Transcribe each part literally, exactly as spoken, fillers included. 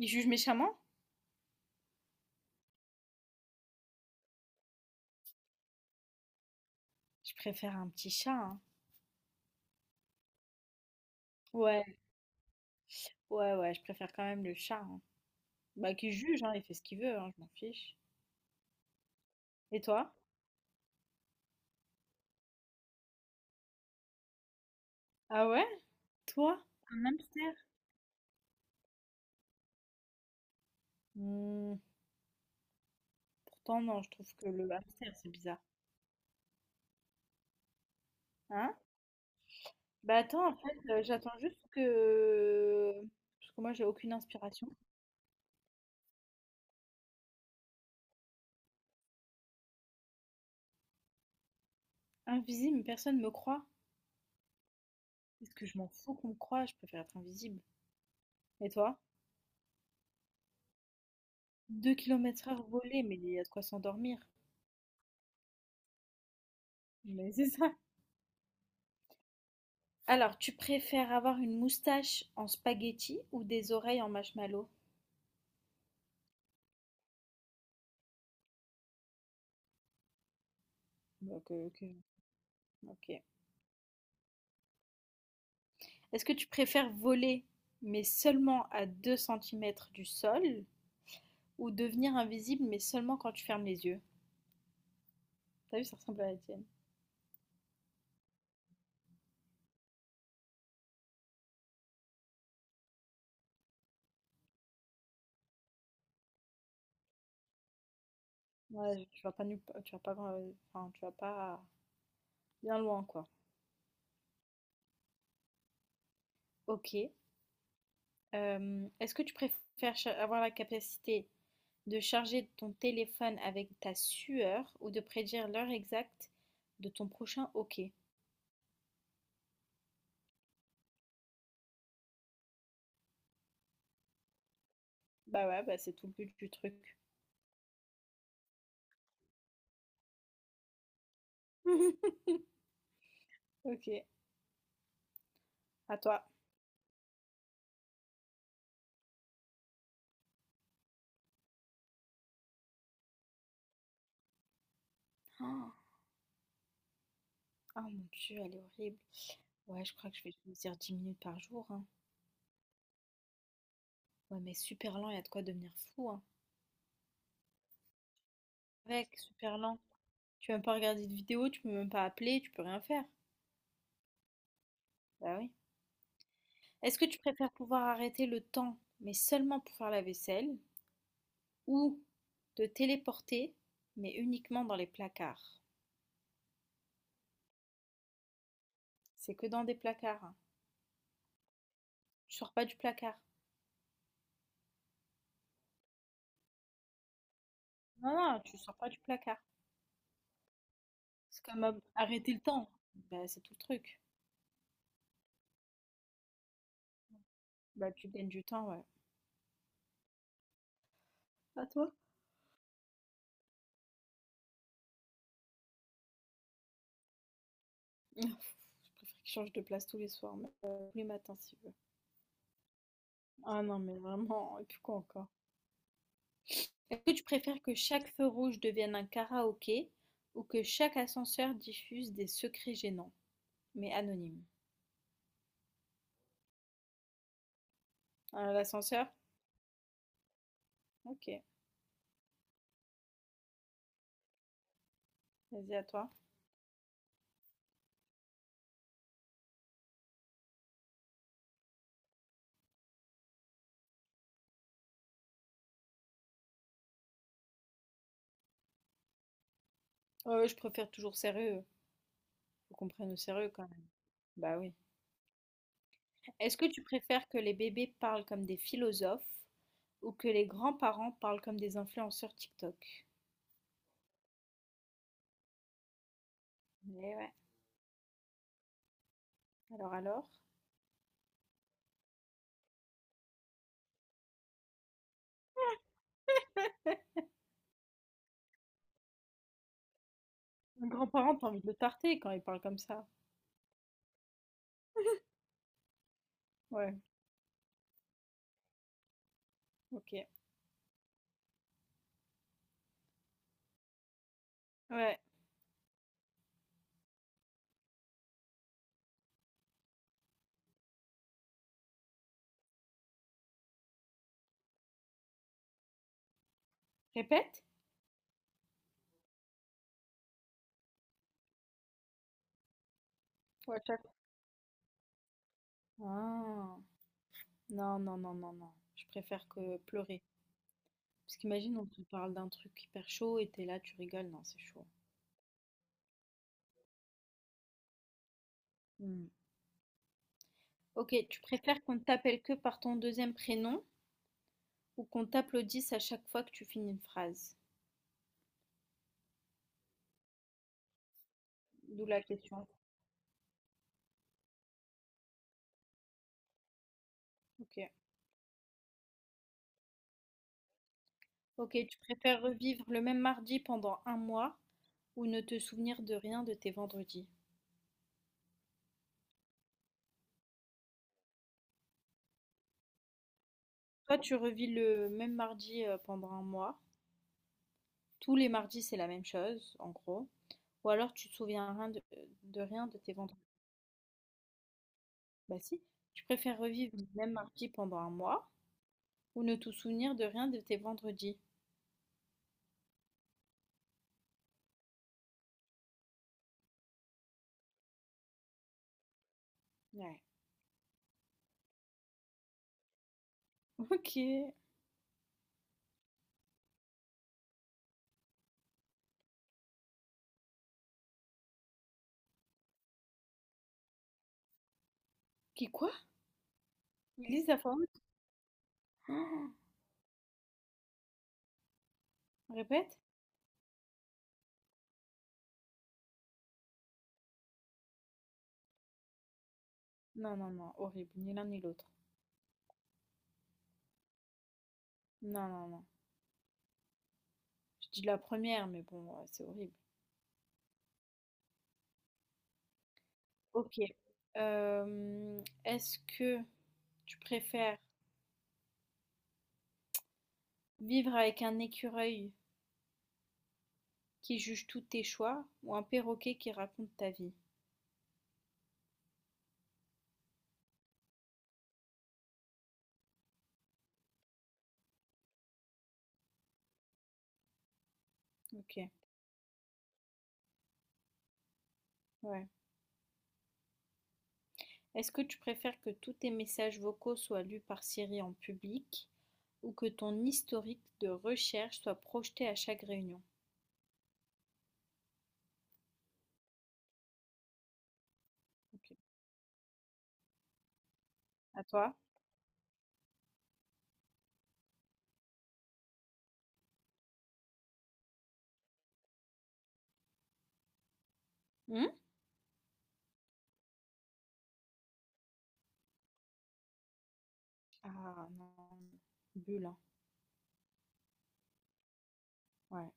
Il juge méchamment? Je préfère un petit chat, hein. Ouais, ouais, ouais, je préfère quand même le chat, hein. Bah, qu'il juge, hein, il fait ce qu'il veut, hein, je m'en fiche. Et toi? Ah ouais? Toi? Un hamster? Hmm, pourtant, non, je trouve que le hamster, c'est bizarre. Hein? Bah attends, en fait, euh, j'attends juste que... Parce que moi, j'ai aucune inspiration. Invisible, personne me croit. Est-ce que je m'en fous qu'on me croie? Je préfère être invisible. Et toi? Deux kilomètres heure volée, mais il y a de quoi s'endormir. Mais c'est ça. Alors, tu préfères avoir une moustache en spaghetti ou des oreilles en marshmallow? Bah, ok, ok. Ok. Est-ce que tu préfères voler, mais seulement à deux centimètres du sol, ou devenir invisible, mais seulement quand tu fermes les yeux? T'as vu, ça ressemble à la tienne. Ouais, tu vas pas nulle pa- tu vas pas, grand- enfin, tu vas pas bien loin, quoi. Ok. Euh, est-ce que tu préfères cha- avoir la capacité de charger ton téléphone avec ta sueur ou de prédire l'heure exacte de ton prochain hockey? Bah ouais, bah c'est tout le but du truc. OK, à toi. Oh! Ah mon Dieu, elle est horrible. Ouais, je crois que je vais choisir dix minutes par jour, hein. Ouais, mais super lent, il y a de quoi devenir fou, hein. Mec, super lent. Tu peux même pas regarder de vidéo, tu peux même pas appeler, tu peux rien faire. Bah oui. Est-ce que tu préfères pouvoir arrêter le temps, mais seulement pour faire la vaisselle, ou te téléporter, mais uniquement dans les placards? C'est que dans des placards, hein. Tu sors pas du placard. Non, non, tu sors pas du placard. C'est comme ab- arrêter le temps. Bah, c'est tout le truc. Bah, tu gagnes du temps, ouais. À toi? Je préfère qu'il change de place tous les soirs, mais, euh, tous les matins s'il veut. Ah non, mais vraiment, et puis quoi encore? Est-ce que tu préfères que chaque feu rouge devienne un karaoké ou que chaque ascenseur diffuse des secrets gênants, mais anonymes? Euh, l'ascenseur? Ok, vas-y à toi. Euh, je préfère toujours sérieux. Faut qu'on prenne au sérieux quand même. Bah oui. Est-ce que tu préfères que les bébés parlent comme des philosophes ou que les grands-parents parlent comme des influenceurs TikTok? Mais ouais, alors alors? Les grands-parents, t'as envie de le tarter quand ils parlent comme ça. Ouais, ok. Ouais. Répète? Ouais, chef. Ah, non, non, non, non, non. Je préfère que pleurer. Parce qu'imagine, on te parle d'un truc hyper chaud et t'es là, tu rigoles. Non, c'est chaud. Hmm. Ok, tu préfères qu'on t'appelle que par ton deuxième prénom ou qu'on t'applaudisse à chaque fois que tu finis une phrase? D'où la question. OK. OK, tu préfères revivre le même mardi pendant un mois ou ne te souvenir de rien de tes vendredis? Toi, tu revis le même mardi, heu, pendant un mois. Tous les mardis, c'est la même chose, en gros. Ou alors tu te souviens rien de de rien de tes vendredis. Bah si, tu préfères revivre le même mardi pendant un mois ou ne te souvenir de rien de tes vendredis? Ouais. OK. Qui quoi? Lise la faute? Répète? Non, non, non, horrible, ni l'un ni l'autre. Non, non, non. Je dis la première, mais bon, heu, c'est horrible. OK. Hem, est-ce que tu préfères vivre avec un écureuil qui juge tous tes choix ou un perroquet qui raconte ta vie? OK, ouais. Est-ce que tu préfères que tous tes messages vocaux soient lus par Siri en public ou que ton historique de recherche soit projeté à chaque réunion? OK. À toi? Mmh? Ah non, bulle, hein, ouais.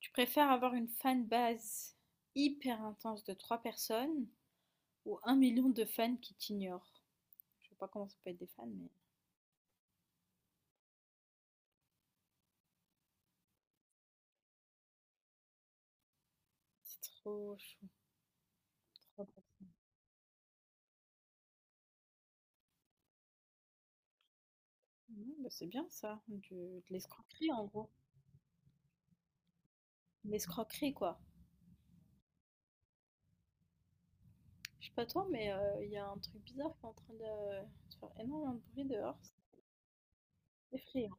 Tu préfères avoir une fanbase hyper intense de trois personnes ou un million de fans qui t'ignorent. Je sais pas comment ça peut être des fans, mais c'est trop. Je suis trop personnes. Ouais, bah c'est bien ça, du- de l'escroquerie en gros. De L'escroquerie quoi. Je sais pas toi, mais euh, il y a un truc bizarre qui est en train de, de faire énormément de bruit dehors. C'est effrayant.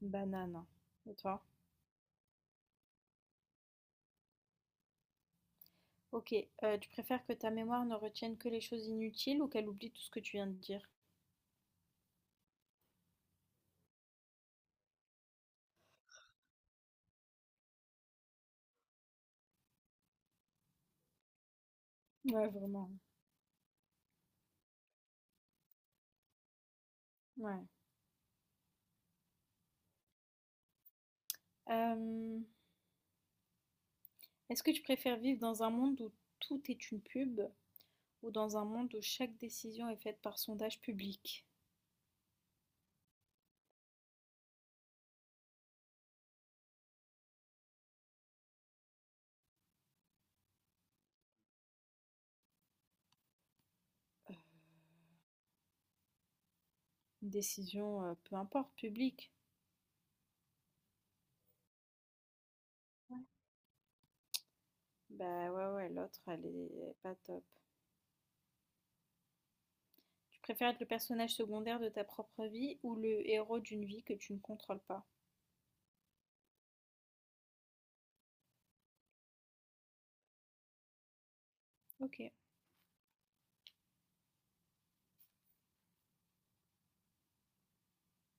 Banane. Et toi? Ok, euh, tu préfères que ta mémoire ne retienne que les choses inutiles ou qu'elle oublie tout ce que tu viens de dire? Ouais, vraiment. Ouais. Euh, est-ce que tu préfères vivre dans un monde où tout est une pub ou dans un monde où chaque décision est faite par sondage public? Une décision, heu, peu importe, publique? Ouais. Bah, ouais, ouais, l'autre, elle est elle est pas top. Tu préfères être le personnage secondaire de ta propre vie ou le héros d'une vie que tu ne contrôles pas? OK.